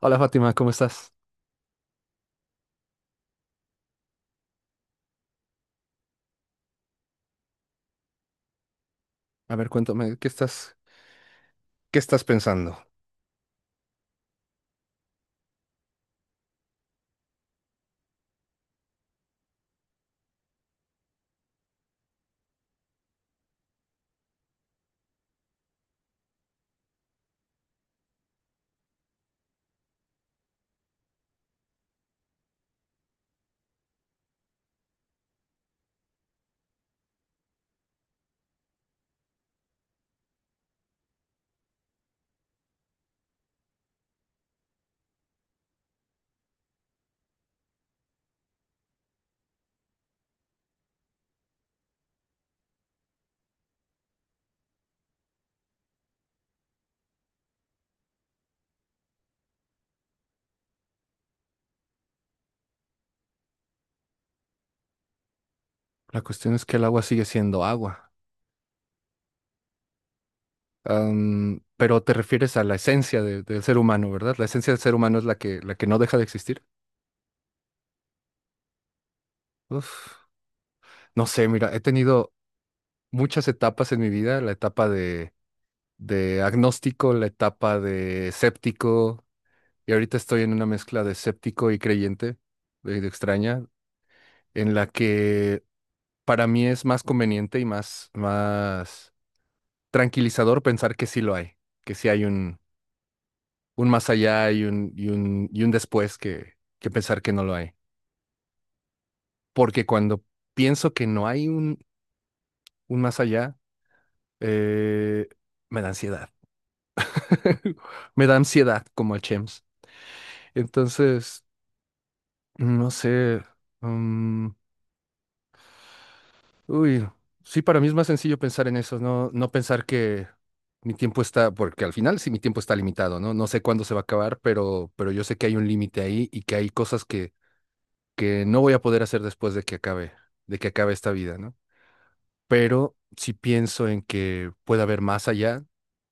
Hola Fátima, ¿cómo estás? A ver, cuéntame, ¿qué estás pensando? La cuestión es que el agua sigue siendo agua. Pero te refieres a la esencia del ser humano, ¿verdad? La esencia del ser humano es la que no deja de existir. Uf, no sé, mira, he tenido muchas etapas en mi vida, la etapa de, agnóstico, la etapa de escéptico, y ahorita estoy en una mezcla de escéptico y creyente, de extraña, en la que para mí es más conveniente y más tranquilizador pensar que sí lo hay, que sí hay un, más allá y un después que pensar que no lo hay. Porque cuando pienso que no hay un más allá, eh, me da ansiedad. Me da ansiedad como a Chems. Entonces, no sé. mm, uy, sí, para mí es más sencillo pensar en eso, no, no pensar que mi tiempo está, porque al final sí mi tiempo está limitado, ¿no? No sé cuándo se va a acabar, pero, yo sé que hay un límite ahí y que hay cosas que no voy a poder hacer después de que acabe esta vida, ¿no? Pero si pienso en que pueda haber más allá,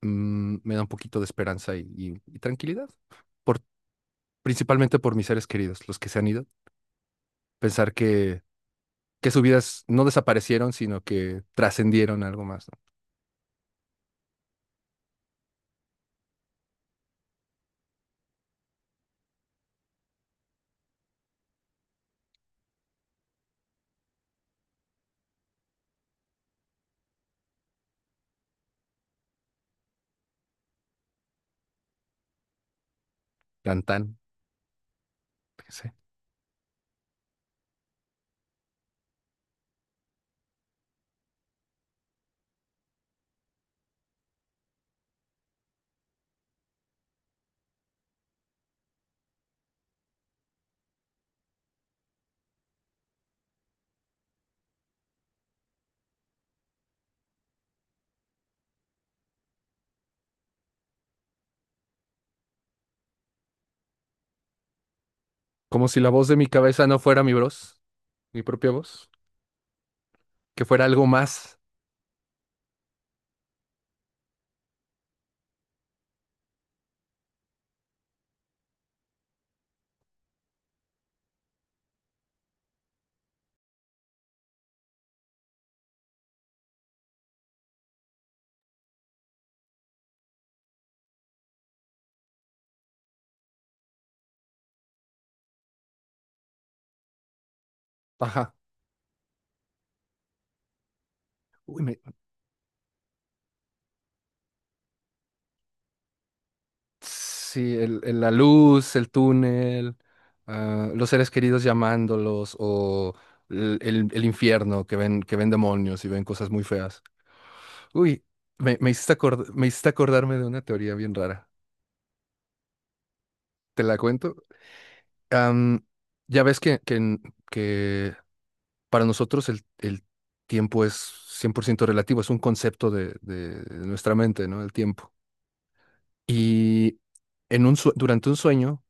me da un poquito de esperanza y tranquilidad, por, principalmente por mis seres queridos, los que se han ido, pensar que sus vidas no desaparecieron, sino que trascendieron algo más, ¿no? Tan tan, qué sé. Como si la voz de mi cabeza no fuera mi voz, mi propia voz, que fuera algo más. Ajá. Uy, Sí, la luz, el túnel, los seres queridos llamándolos o el infierno que ven demonios y ven cosas muy feas. Uy, me hiciste acord- me hiciste acordarme de una teoría bien rara. ¿Te la cuento? Am, ya ves que para nosotros el tiempo es 100% relativo, es un concepto de nuestra mente, ¿no? El tiempo. Y durante un sueño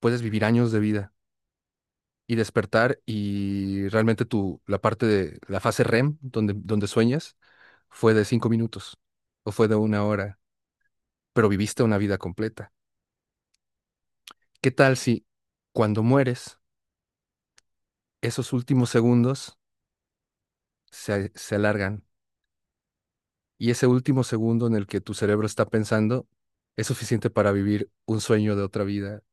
puedes vivir años de vida y despertar y realmente la parte de la fase REM, donde sueñas, fue de 5 minutos o fue de una hora, pero viviste una vida completa. ¿Qué tal si cuando mueres, esos últimos segundos se alargan y ese último segundo en el que tu cerebro está pensando es suficiente para vivir un sueño de otra vida?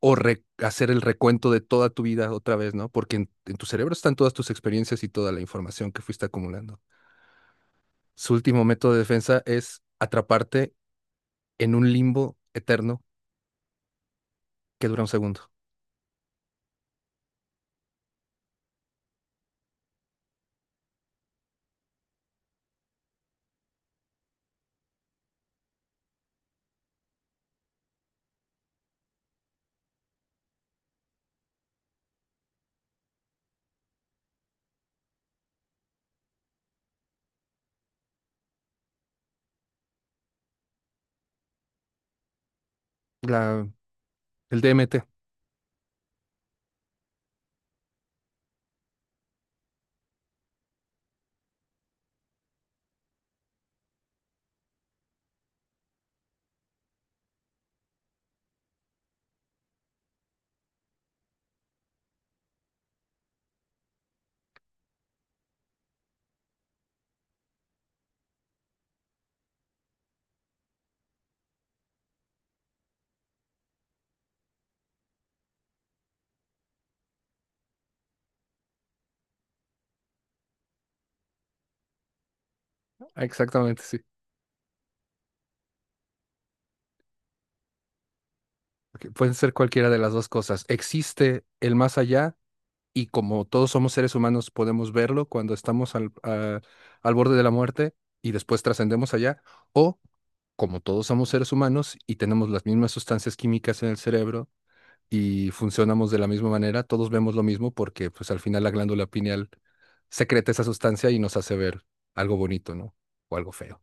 O hacer el recuento de toda tu vida otra vez, ¿no? Porque en tu cerebro están todas tus experiencias y toda la información que fuiste acumulando. Su último método de defensa es atraparte en un limbo eterno que dura un segundo. La, el DMT, exactamente, sí. Ok, pueden ser cualquiera de las dos cosas. Existe el más allá y como todos somos seres humanos podemos verlo cuando estamos al borde de la muerte y después trascendemos allá, o como todos somos seres humanos y tenemos las mismas sustancias químicas en el cerebro, y funcionamos de la misma manera, todos vemos lo mismo porque pues al final la glándula pineal secreta esa sustancia y nos hace ver algo bonito, ¿no? O algo feo.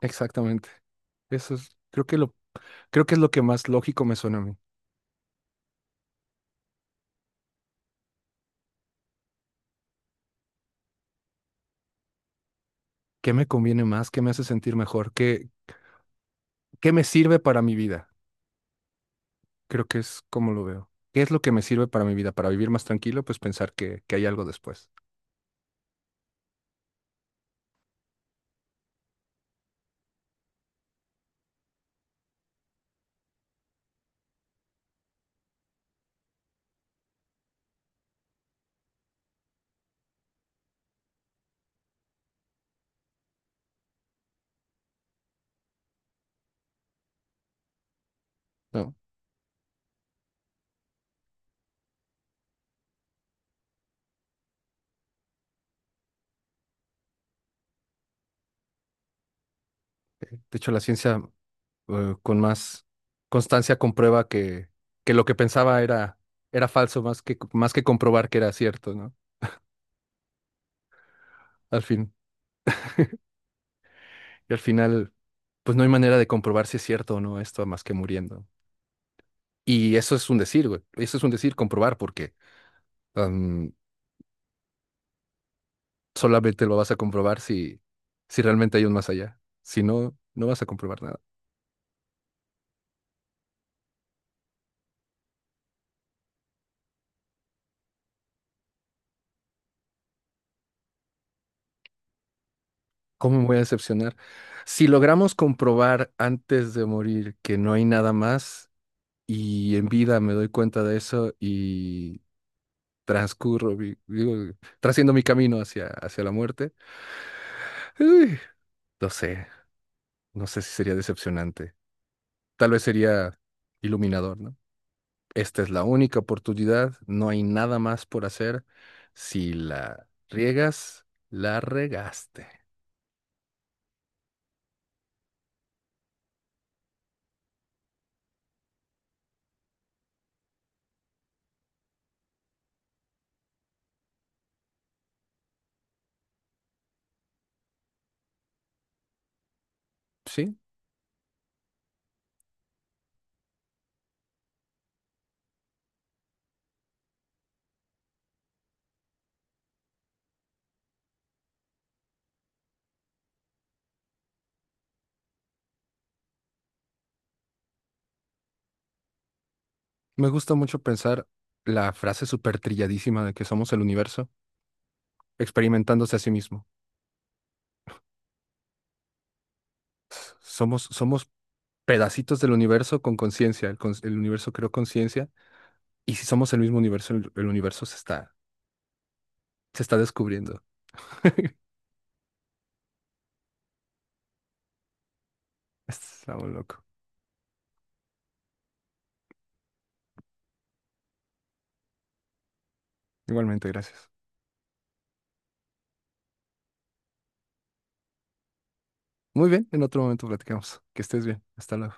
Exactamente. Eso es, creo que es lo que más lógico me suena a mí. ¿Qué me conviene más? ¿Qué me hace sentir mejor? ¿Qué me sirve para mi vida? Creo que es como lo veo. ¿Qué es lo que me sirve para mi vida? Para vivir más tranquilo, pues pensar que hay algo después, ¿no? De hecho, la ciencia con más constancia comprueba que, lo que pensaba era falso, más que comprobar que era cierto, ¿no? Al fin. Y al final, pues no hay manera de comprobar si es cierto o no esto más que muriendo. Y eso es un decir, güey. Eso es un decir comprobar, porque am, solamente lo vas a comprobar si realmente hay un más allá. Si no, no vas a comprobar nada. ¿Cómo me voy a decepcionar? Si logramos comprobar antes de morir que no hay nada más, y en vida me doy cuenta de eso y transcurro, digo, trasciendo mi camino hacia, hacia la muerte. Uy, no sé, no sé si sería decepcionante. Tal vez sería iluminador, ¿no? Esta es la única oportunidad, no hay nada más por hacer. Si la riegas, la regaste. Sí, me gusta mucho pensar la frase súper trilladísima de que somos el universo experimentándose a sí mismo. Somos, somos pedacitos del universo con conciencia. El universo creó conciencia y si somos el mismo universo, el universo se está descubriendo. Está muy loco. Igualmente, gracias. Muy bien, en otro momento platicamos. Que estés bien. Hasta luego.